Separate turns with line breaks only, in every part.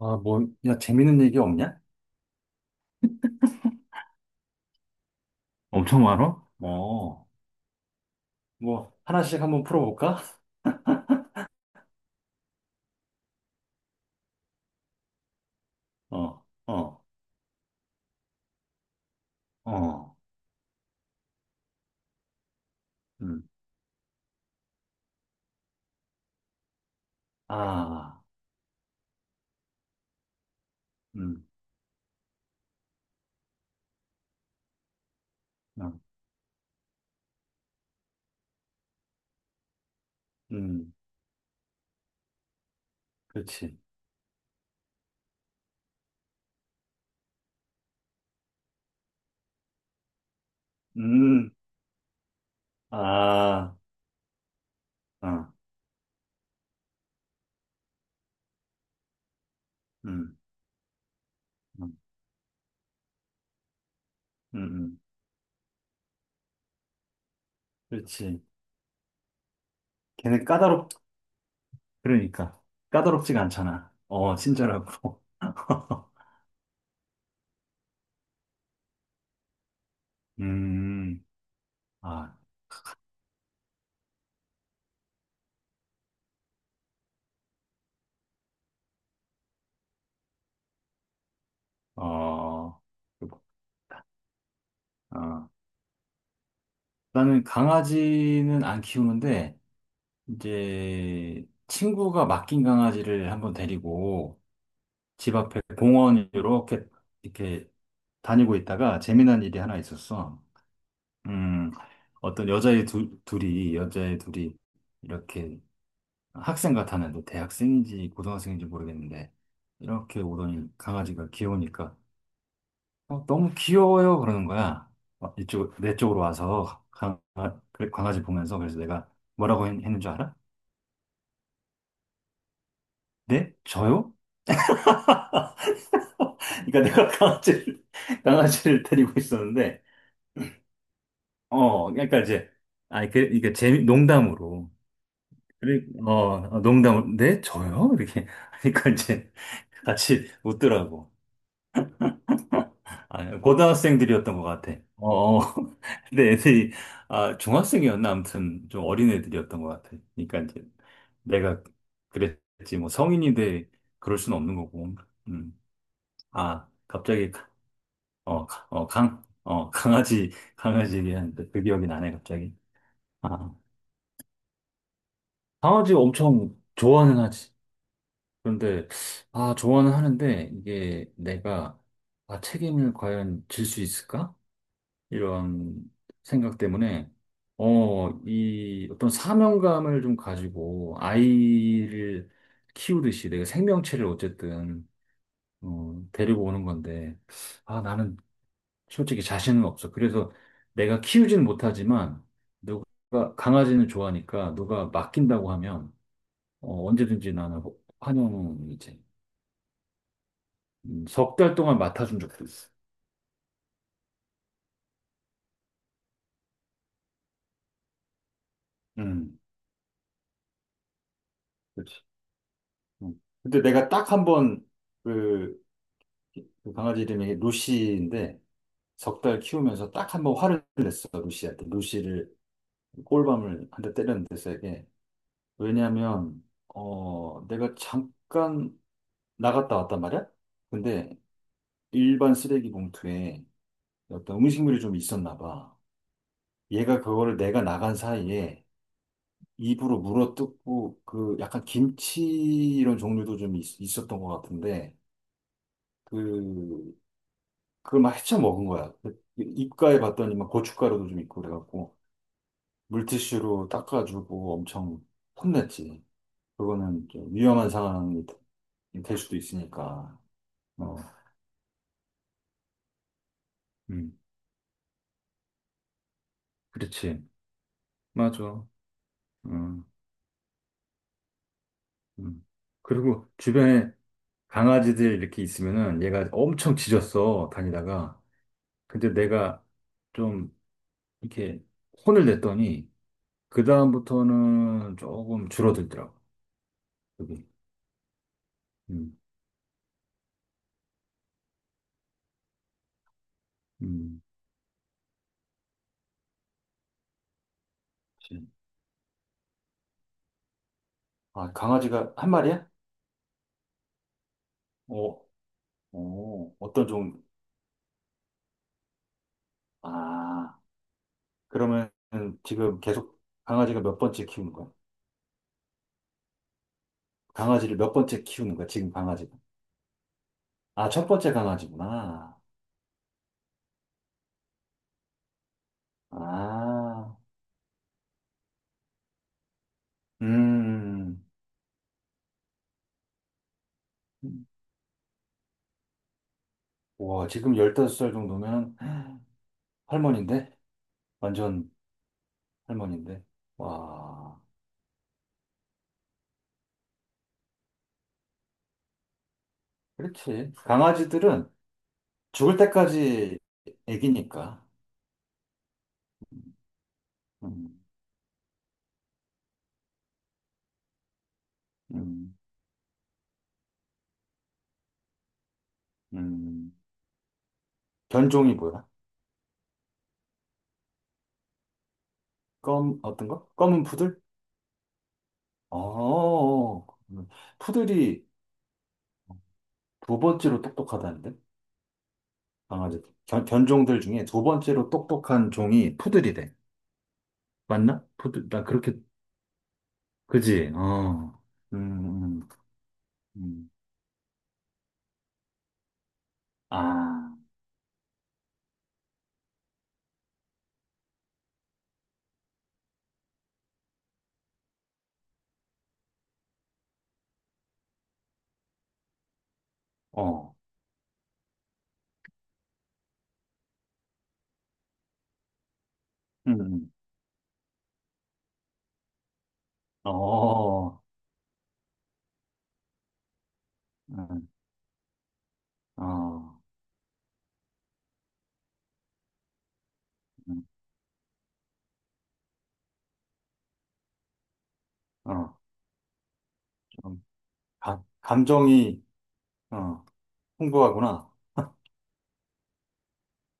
아, 뭐, 야, 재밌는 얘기 없냐? 엄청 많아? 어, 뭐, 하나씩 한번 풀어볼까? 어, 어, 어, 음, 아, 음, 어, 음, 그렇지. 음, 아, 어, 음, 음, 음, 음, 그렇지. 걔는 그러니까, 까다롭지가 않잖아. 어, 친절하고. 음, 아, 어, 어, 나는 강아지는 안 키우는데, 이제 친구가 맡긴 강아지를 한번 데리고 집 앞에 공원 이렇게 다니고 있다가 재미난 일이 하나 있었어. 음, 어떤 여자애 둘이 이렇게 학생 같았는데 뭐 대학생인지 고등학생인지 모르겠는데 이렇게 오더니 강아지가 귀여우니까 어, 너무 귀여워요 그러는 거야. 어, 이쪽 내 쪽으로 와서 아, 그래, 강아지 보면서 그래서 내가 뭐라고 했는 줄 알아? 네? 저요? 그러니까 내가 강아지를, 강아지를 데리고 있었는데, 어, 그러니까 이제, 아니, 그, 이게 농담으로. 그고 어, 농담으로. 네? 저요? 이렇게. 그러니까 이제 같이 웃더라고. 아, 고등학생들이었던 것 같아. 어, 어. 근데 애들이, 아, 중학생이었나? 아무튼 좀 어린 애들이었던 것 같아. 그러니까 이제 내가 그랬지. 뭐 성인인데 그럴 수는 없는 거고. 음. 아, 갑자기 어, 가- 어, 강, 어, 강아지, 강아지 얘기하는데 그 기억이 나네, 갑자기. 아, 강아지 엄청 좋아는 하지. 그런데, 아, 좋아는 하는데, 이게 내가, 아, 책임을 과연 질 수 있을까? 이런 생각 때문에, 어, 이 어떤 사명감을 좀 가지고 아이를 키우듯이 내가 생명체를 어쨌든, 어, 데리고 오는 건데, 아, 나는 솔직히 자신은 없어. 그래서 내가 키우진 못하지만 누가 강아지는 좋아하니까 누가 맡긴다고 하면 어, 언제든지 나는 환영이지. 석달 동안 맡아준 적도 있어. 음, 그렇지. 음. 근데 내가 딱 한 번, 그, 그 강아지 이름이 루시인데, 석 달 키우면서 딱 한 번 화를 냈어, 루시한테. 루시를, 꼴밤을 한 대 때렸는데, 세게. 왜냐면, 어, 내가 잠깐 나갔다 왔단 말이야? 근데 일반 쓰레기 봉투에 어떤 음식물이 좀 있었나 봐. 얘가 그거를 내가 나간 사이에 입으로 물어뜯고 그 약간 김치 이런 종류도 좀 있었던 것 같은데 그 그걸 막 헤쳐 먹은 거야. 그 입가에 봤더니 막 고춧가루도 좀 있고 그래갖고 물티슈로 닦아주고 엄청 혼냈지. 그거는 좀 위험한 상황이 될 수도 있으니까. 어, 음, 그렇지. 맞아. 음, 음. 그리고 주변에 강아지들 이렇게 있으면은 얘가 엄청 짖었어, 다니다가. 근데 내가 좀 이렇게 혼을 냈더니, 그다음부터는 조금 줄어들더라고, 여기. 음, 음. 그치. 아, 강아지가 한 마리야? 어, 어, 어떤 종류? 아, 그러면 지금 계속 강아지가 몇 번째 키우는 거야? 강아지를 몇 번째 키우는 거야, 지금 강아지가? 아, 첫 번째 강아지구나. 아, 음. 음, 음. 와, 지금 15살 정도면 할머니인데? 완전 할머니인데? 와, 그렇지. 강아지들은 죽을 때까지 애기니까. 음, 음, 음. 견종이 뭐야? 검, 어떤 거? 검은 푸들? 어, 푸들이 두 번째로 똑똑하다는데? 강아지. 견종들 중에 두 번째로 똑똑한 종이 푸들이래. 맞나? 푸들, 나 그렇게, 그지? 어, 음, 음, 음. 아, 어. 음, 음. 어, 음, 어, 음, 어, 좀, 감정이, 어, 풍부하구나.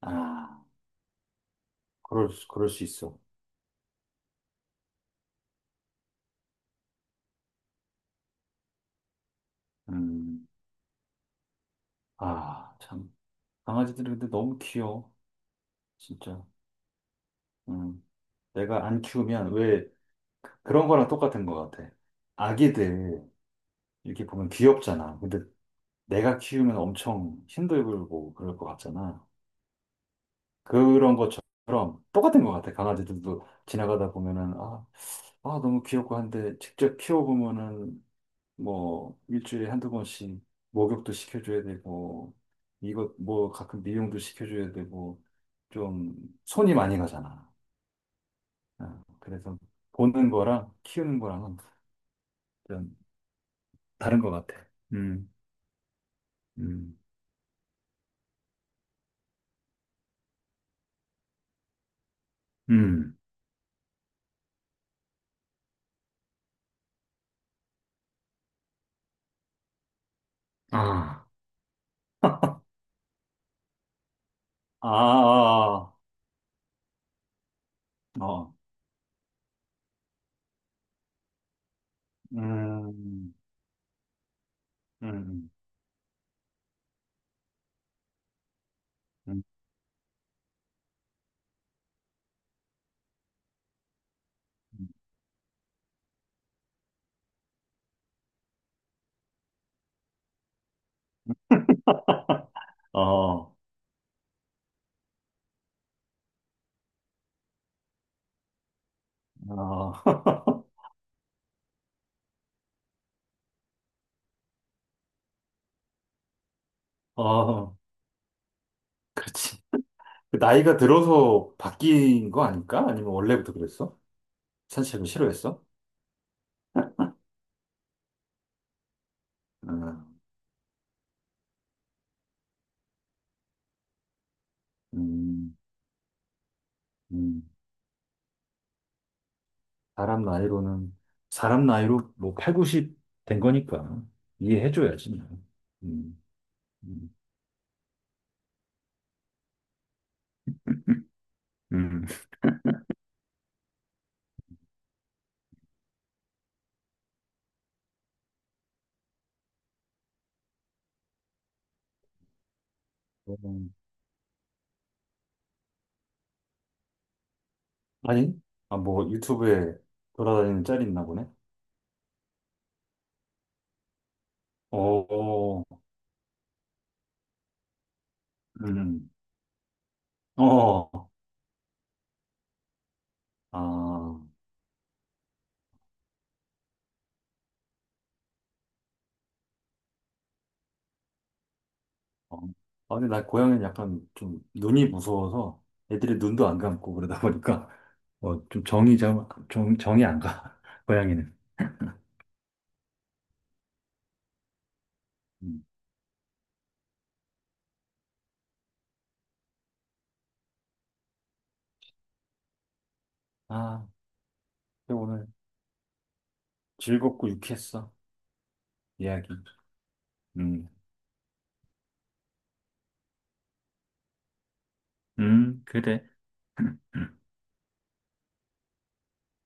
아, 그럴 수 있어. 음, 아, 참. 강아지들이 근데 너무 귀여워. 진짜. 음, 내가 안 키우면 왜 그런 거랑 똑같은 것 같아. 아기들, 이렇게 보면 귀엽잖아. 근데 내가 키우면 엄청 힘들고 그럴 것 같잖아. 그런 것처럼 똑같은 것 같아. 강아지들도 지나가다 보면은, 아, 아, 너무 귀엽고 한데 직접 키워보면은 뭐 일주일에 한두 번씩 목욕도 시켜줘야 되고 이것 뭐 가끔 미용도 시켜줘야 되고 좀 손이 많이 가잖아. 어, 그래서 보는 거랑 키우는 거랑은 좀 다른 것 같아. 음, 음. 아, 아, 아, 아. 어, 음, 음, 음. 어, 어, 어, 그렇지. 그 나이가 들어서 바뀐 거 아닐까? 아니면 원래부터 그랬어? 산책을 싫어했어? 아, 음, 음. 사람 나이로는, 사람 나이로 뭐 8, 90 된 거니까 이해해줘야지. 뭐. 음, 음. 음. 음. 아니? 아, 뭐 유튜브에 돌아다니는 짤이 있나 보네? 어, 음, 어, 아, 어. 아, 근데 나 고양이는 약간 좀 눈이 무서워서 애들이 눈도 안 감고 그러다 보니까 뭐, 좀 정이 좀, 정이 안 가. 고양이는. 음. 아, 근데 오늘 즐겁고 유쾌했어. 이야기. 음, 그래.